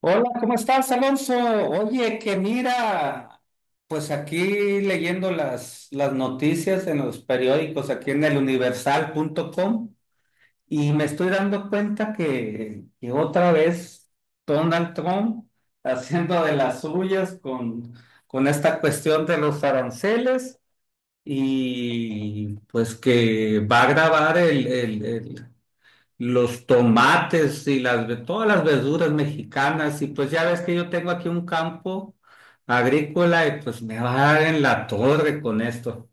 Hola, ¿cómo estás, Alonso? Oye, que mira, pues aquí leyendo las noticias en los periódicos, aquí en el universal.com, y me estoy dando cuenta que otra vez Donald Trump haciendo de las suyas con esta cuestión de los aranceles y pues que va a grabar el los tomates y todas las verduras mexicanas. Y pues ya ves que yo tengo aquí un campo agrícola y pues me va a dar en la torre con esto.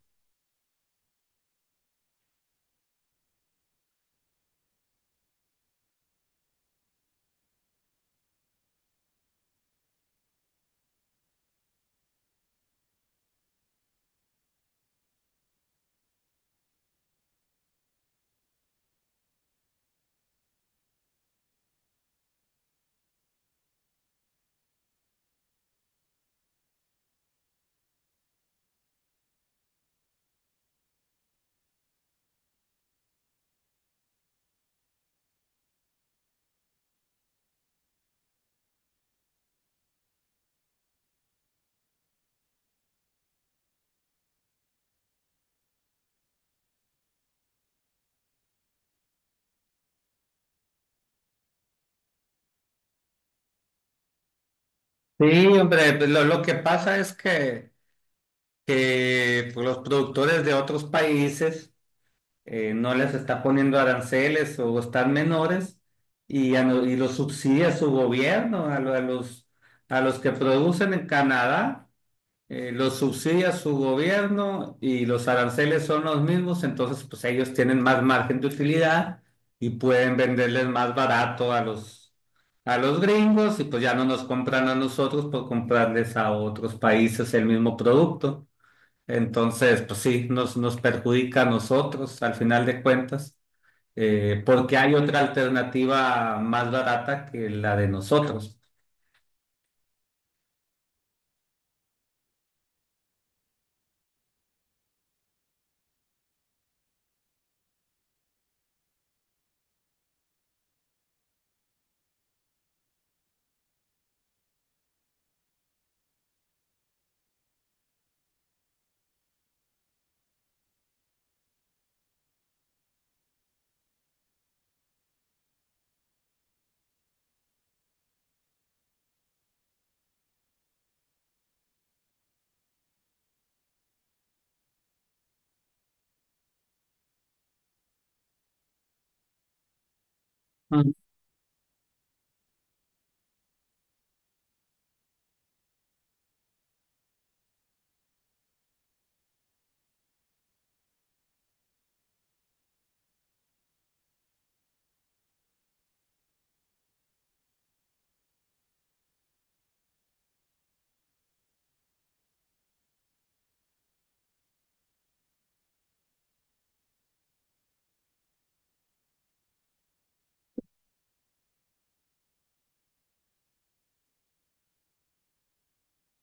Sí, hombre, pues, lo que pasa es que, pues, los productores de otros países no les está poniendo aranceles o están menores y, a no- y los subsidia su gobierno a los que producen en Canadá. Los subsidia su gobierno y los aranceles son los mismos, entonces pues ellos tienen más margen de utilidad y pueden venderles más barato a a los gringos y pues ya no nos compran a nosotros por comprarles a otros países el mismo producto. Entonces, pues sí, nos perjudica a nosotros al final de cuentas, porque hay otra alternativa más barata que la de nosotros.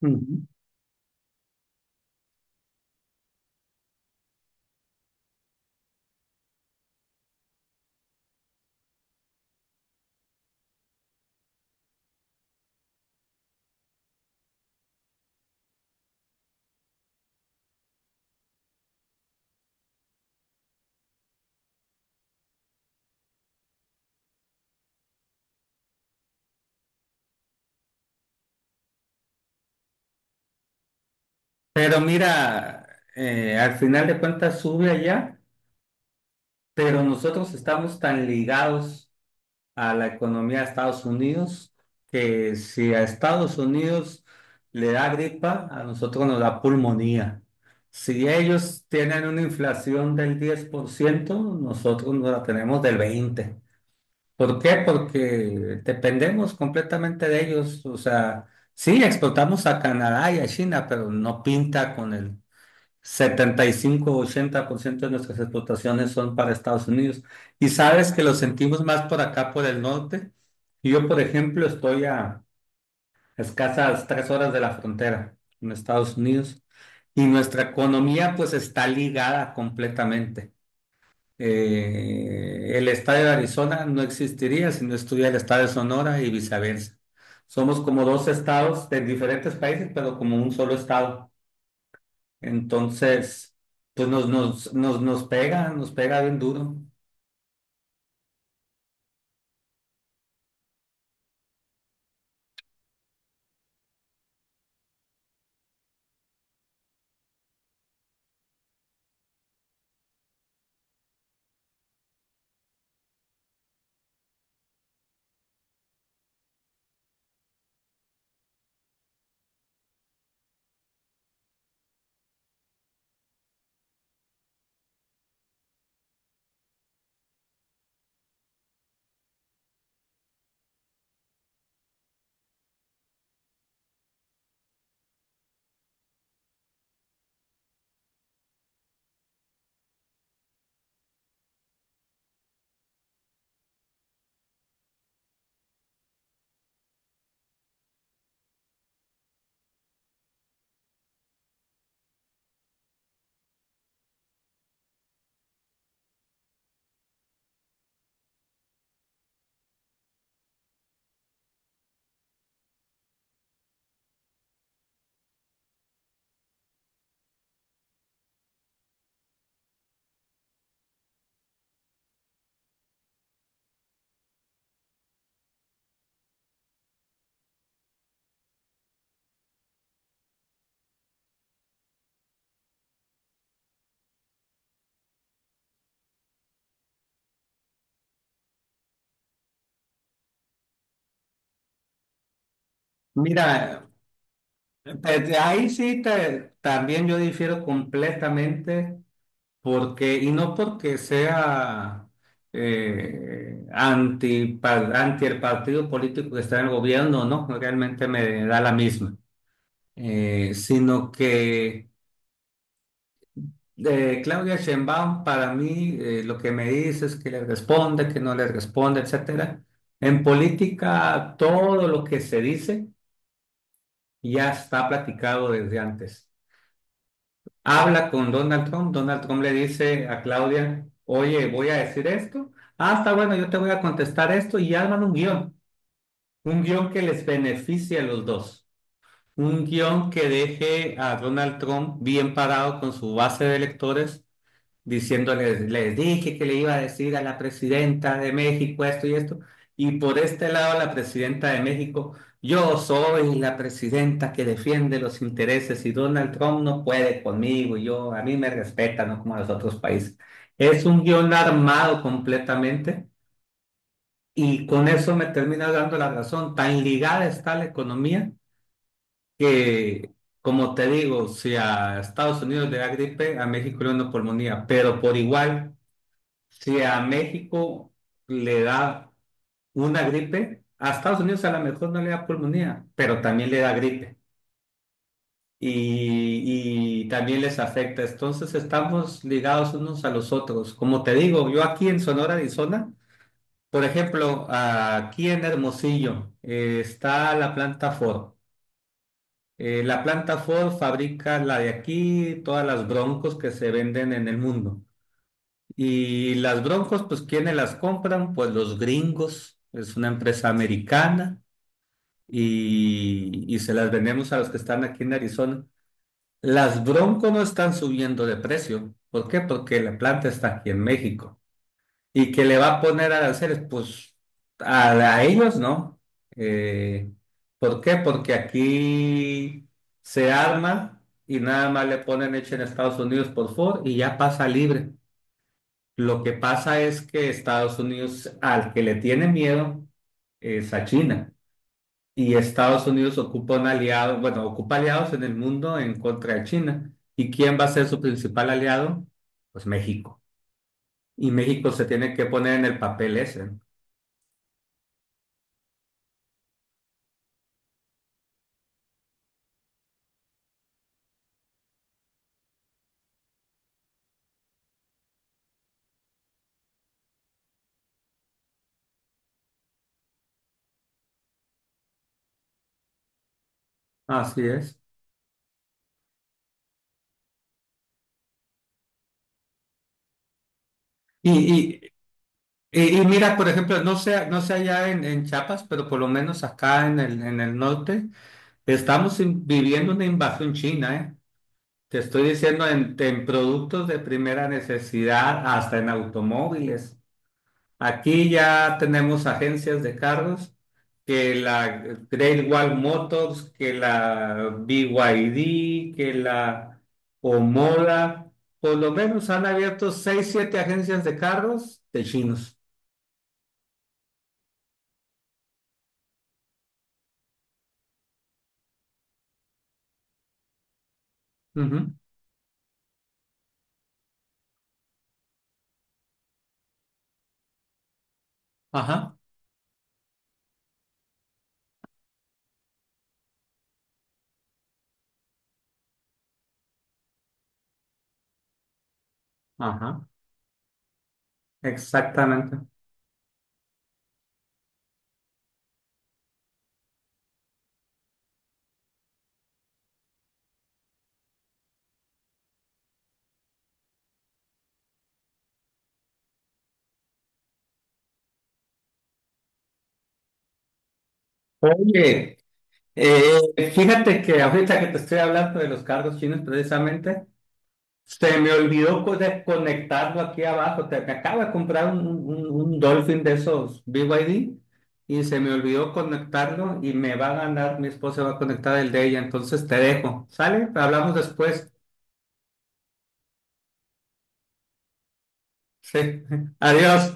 Ujú. Pero mira, al final de cuentas sube allá, pero nosotros estamos tan ligados a la economía de Estados Unidos que si a Estados Unidos le da gripa, a nosotros nos da pulmonía. Si ellos tienen una inflación del 10%, nosotros nos la tenemos del 20%. ¿Por ciento. ¿Por qué? Porque dependemos completamente de ellos. O sea, sí, exportamos a Canadá y a China, pero no pinta con el 75-80% de nuestras exportaciones son para Estados Unidos. Y sabes que lo sentimos más por acá, por el norte. Yo, por ejemplo, estoy a escasas 3 horas de la frontera en Estados Unidos. Y nuestra economía pues está ligada completamente. El estado de Arizona no existiría si no estuviera el estado de Sonora y viceversa. Somos como dos estados de diferentes países, pero como un solo estado. Entonces, pues nos pega bien duro. Mira, pues, de ahí sí también yo difiero completamente, porque, y no porque sea anti el partido político que está en el gobierno, no, realmente me da la misma. Sino que de Claudia Sheinbaum, para mí, lo que me dice es que le responde, que no le responde, etcétera. En política, todo lo que se dice ya está platicado desde antes. Habla con Donald Trump, Donald Trump le dice a Claudia, oye, voy a decir esto. Ah, está bueno, yo te voy a contestar esto, y arman un guión que les beneficie a los dos, un guión que deje a Donald Trump bien parado con su base de electores diciéndoles, les dije que le iba a decir a la presidenta de México esto y esto, y por este lado la presidenta de México, yo soy la presidenta que defiende los intereses y Donald Trump no puede conmigo, y yo, a mí me respeta, no como a los otros países. Es un guión armado completamente y con eso me termina dando la razón. Tan ligada está la economía que, como te digo, si a Estados Unidos le da gripe, a México le da una pulmonía, pero por igual, si a México le da una gripe, a Estados Unidos a lo mejor no le da pulmonía, pero también le da gripe y también les afecta. Entonces estamos ligados unos a los otros. Como te digo, yo aquí en Sonora, Arizona, por ejemplo, aquí en Hermosillo, está la planta Ford. La planta Ford fabrica la de aquí, todas las broncos que se venden en el mundo. Y las Broncos, pues, ¿quiénes las compran? Pues los gringos, es una empresa americana, y se las vendemos a los que están aquí en Arizona. Las Broncos no están subiendo de precio. ¿Por qué? Porque la planta está aquí en México. ¿Y que le va a poner aranceles? Pues a ellos no. Eh, ¿Por qué? Porque aquí se arma y nada más le ponen hecho en Estados Unidos por Ford y ya pasa libre. Lo que pasa es que Estados Unidos, al que le tiene miedo, es a China. Y Estados Unidos ocupa un aliado, bueno, ocupa aliados en el mundo en contra de China. ¿Y quién va a ser su principal aliado? Pues México. Y México se tiene que poner en el papel ese, ¿no? Así es. Y, y, y mira, por ejemplo, no sé allá en Chiapas, pero por lo menos acá en en el norte, estamos viviendo una invasión china, ¿eh? Te estoy diciendo en productos de primera necesidad, hasta en automóviles. Aquí ya tenemos agencias de carros, que la Great Wall Motors, que la BYD, que la Omoda. Por lo menos han abierto seis, siete agencias de carros de chinos. Ujú. Ajá, ajá, exactamente. Oye, fíjate que ahorita que te estoy hablando de los carros chinos precisamente. Se me olvidó desconectarlo aquí abajo. Me acabo de comprar un Dolphin de esos BYD y D y se me olvidó conectarlo y me va a ganar, mi esposa va a conectar el de ella. Entonces te dejo. ¿Sale? Hablamos después. Sí. Adiós.